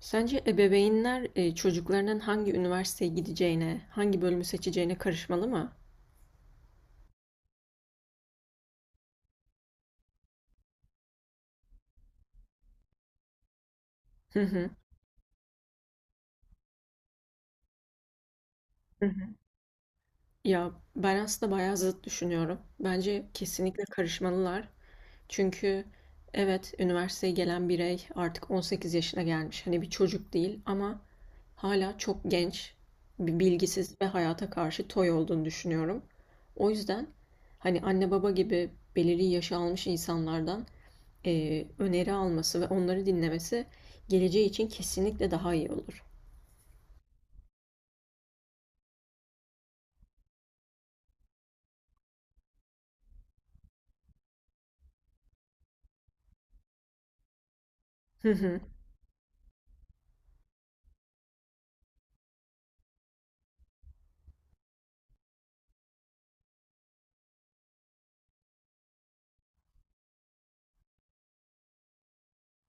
Sence ebeveynler çocuklarının hangi üniversiteye gideceğine, hangi bölümü seçeceğine karışmalı mı? Hı hı. Hı hı. Ya ben aslında bayağı zıt düşünüyorum. Bence kesinlikle karışmalılar. Çünkü evet, üniversiteye gelen birey artık 18 yaşına gelmiş. Hani bir çocuk değil, ama hala çok genç, bir bilgisiz ve hayata karşı toy olduğunu düşünüyorum. O yüzden hani anne baba gibi belirli yaşı almış insanlardan öneri alması ve onları dinlemesi geleceği için kesinlikle daha iyi olur. Hı hı.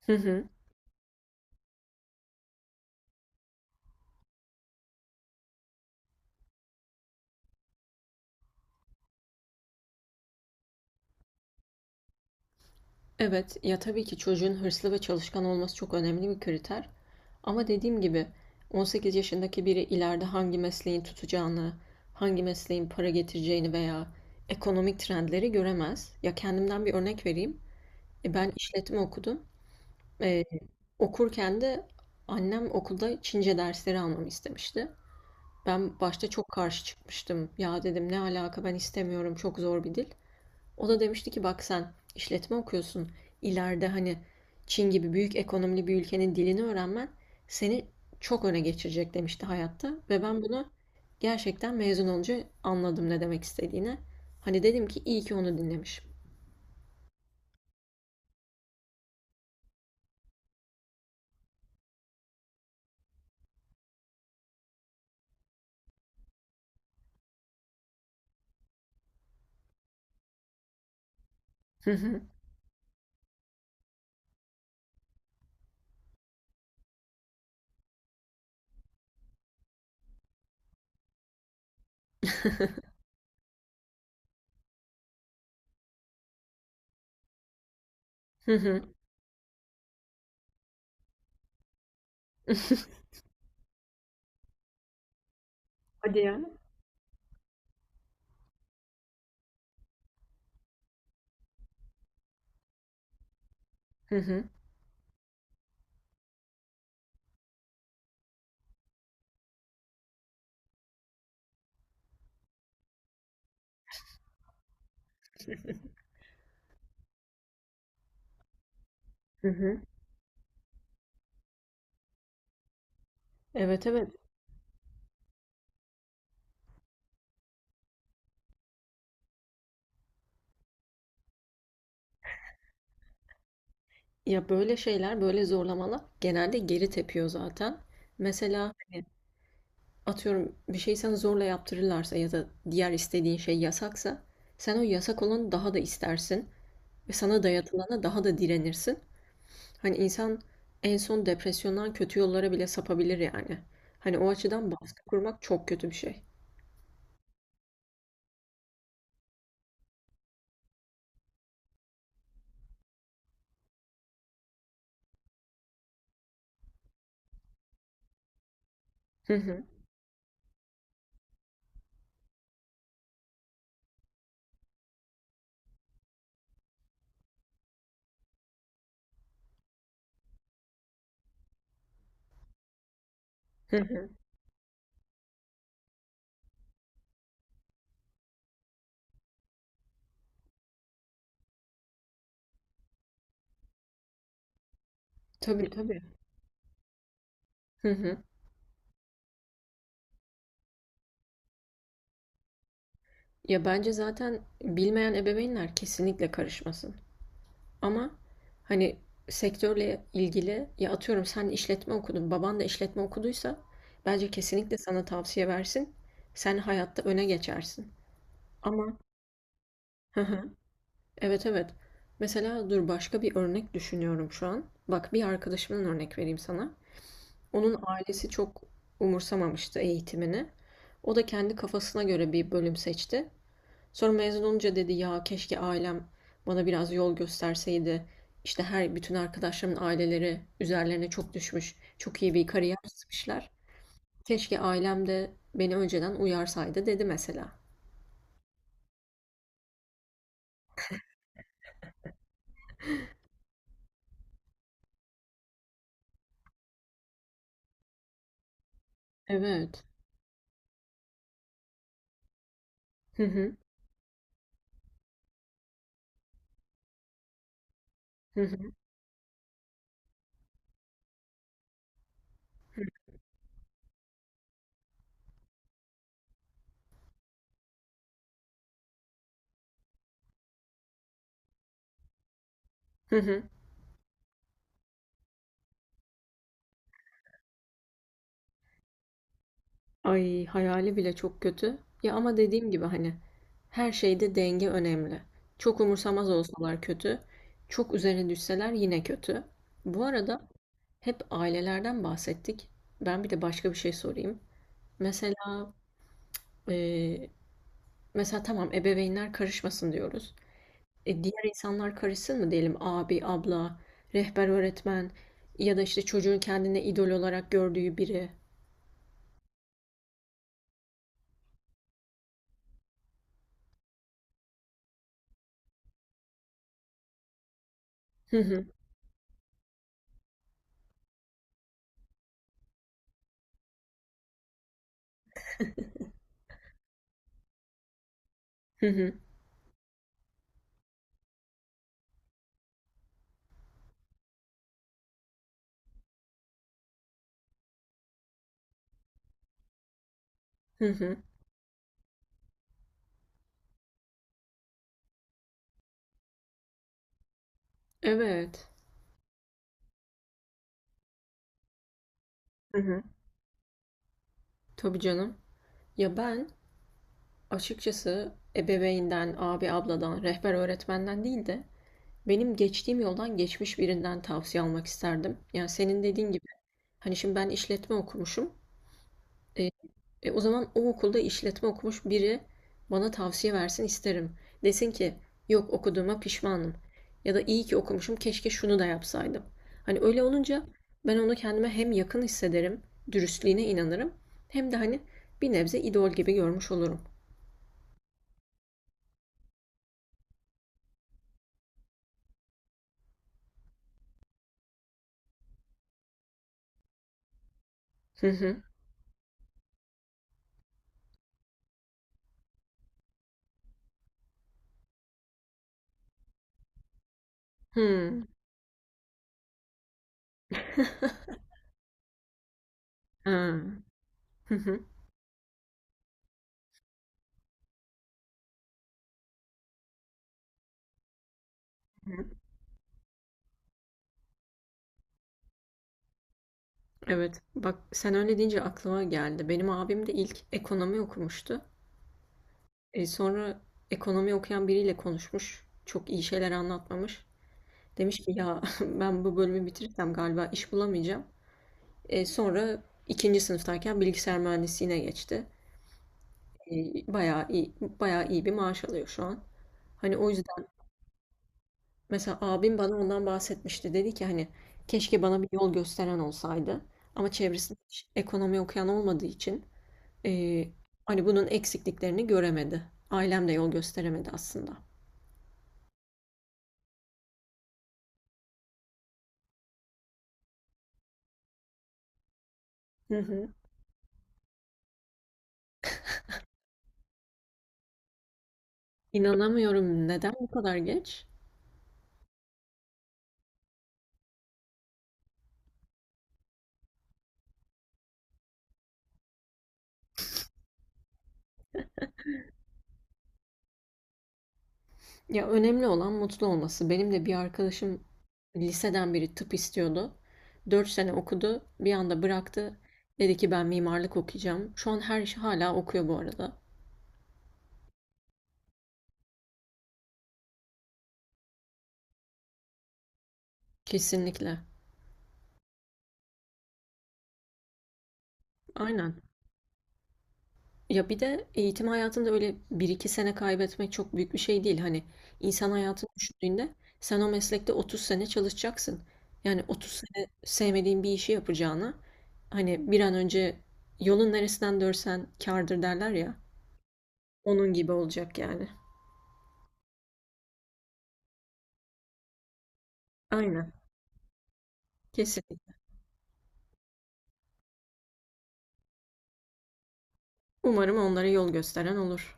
Hı hı. Evet, ya tabii ki çocuğun hırslı ve çalışkan olması çok önemli bir kriter. Ama dediğim gibi, 18 yaşındaki biri ileride hangi mesleğin tutacağını, hangi mesleğin para getireceğini veya ekonomik trendleri göremez. Ya kendimden bir örnek vereyim. Ben işletme okudum. E, okurken de annem okulda Çince dersleri almamı istemişti. Ben başta çok karşı çıkmıştım. Ya dedim, ne alaka, ben istemiyorum, çok zor bir dil. O da demişti ki bak, sen işletme okuyorsun. İleride hani Çin gibi büyük ekonomili bir ülkenin dilini öğrenmen seni çok öne geçirecek demişti hayatta. Ve ben bunu gerçekten mezun olunca anladım ne demek istediğini. Hani dedim ki iyi ki onu dinlemişim. Hı hı. Hı hı. Hadi ya. Hı hı. Hı hı. Evet, evet. Ya böyle şeyler, böyle zorlamalar genelde geri tepiyor zaten. Mesela hani atıyorum, bir şey sana zorla yaptırırlarsa ya da diğer istediğin şey yasaksa sen o yasak olanı daha da istersin ve sana dayatılana daha da direnirsin. Hani insan en son depresyondan kötü yollara bile sapabilir yani. Hani o açıdan baskı kurmak çok kötü bir şey. Hı hı. Hı hı. Tabii, tabii. Hı hı. Ya bence zaten bilmeyen ebeveynler kesinlikle karışmasın. Ama hani sektörle ilgili, ya atıyorum sen işletme okudun, baban da işletme okuduysa bence kesinlikle sana tavsiye versin. Sen hayatta öne geçersin. Ama hı hı, evet, evet. Mesela dur, başka bir örnek düşünüyorum şu an. Bak, bir arkadaşımdan örnek vereyim sana. Onun ailesi çok umursamamıştı eğitimini. O da kendi kafasına göre bir bölüm seçti. Sonra mezun olunca dedi, ya keşke ailem bana biraz yol gösterseydi. İşte her bütün arkadaşlarımın aileleri üzerlerine çok düşmüş. Çok iyi bir kariyer çizmişler. Keşke ailem de beni önceden uyarsaydı dedi mesela. Evet. Hı hı. Hı hı. Hı hı. Ay, hayali bile çok kötü. Ya ama dediğim gibi hani her şeyde denge önemli. Çok umursamaz olsalar kötü. Çok üzerine düşseler yine kötü. Bu arada, hep ailelerden bahsettik. Ben bir de başka bir şey sorayım. Mesela e, mesela tamam, ebeveynler karışmasın diyoruz. Diğer insanlar karışsın mı diyelim? Abi, abla, rehber öğretmen ya da işte çocuğun kendine idol olarak gördüğü biri. Hı hı, hı hı, hı. Hı. Evet. Hı hı. Tabii canım. Ya ben açıkçası ebeveynden, abi, abladan, rehber öğretmenden değil de benim geçtiğim yoldan geçmiş birinden tavsiye almak isterdim. Yani senin dediğin gibi. Hani şimdi ben işletme okumuşum. E, o zaman o okulda işletme okumuş biri bana tavsiye versin isterim. Desin ki yok, okuduğuma pişmanım. Ya da iyi ki okumuşum, keşke şunu da yapsaydım. Hani öyle olunca ben onu kendime hem yakın hissederim, dürüstlüğüne inanırım. Hem de hani bir nebze idol gibi görmüş olurum. Hı hı. Hı. Ha. Hı hı. Hı. Evet. Bak sen öyle deyince aklıma geldi. Benim abim de ilk ekonomi okumuştu. Sonra ekonomi okuyan biriyle konuşmuş. Çok iyi şeyler anlatmamış. Demiş ki ya, ben bu bölümü bitirirsem galiba iş bulamayacağım. Sonra ikinci sınıftayken bilgisayar mühendisliğine geçti. E, bayağı iyi, bayağı iyi bir maaş alıyor şu an. Hani o yüzden mesela abim bana ondan bahsetmişti. Dedi ki hani keşke bana bir yol gösteren olsaydı. Ama çevresinde hiç ekonomi okuyan olmadığı için e, hani bunun eksikliklerini göremedi. Ailem de yol gösteremedi aslında. Hı hı. İnanamıyorum. Neden bu kadar geç? Ya önemli olan mutlu olması. Benim de bir arkadaşım liseden beri tıp istiyordu. 4 sene okudu. Bir anda bıraktı. Dedi ki ben mimarlık okuyacağım. Şu an her işi hala okuyor bu arada. Kesinlikle. Aynen. Ya bir de eğitim hayatında öyle bir iki sene kaybetmek çok büyük bir şey değil. Hani insan hayatını düşündüğünde sen o meslekte 30 sene çalışacaksın. Yani 30 sene sevmediğin bir işi yapacağına hani bir an önce, yolun neresinden dörsen kârdır derler ya. Onun gibi olacak yani. Aynen. Kesinlikle. Umarım onlara yol gösteren olur.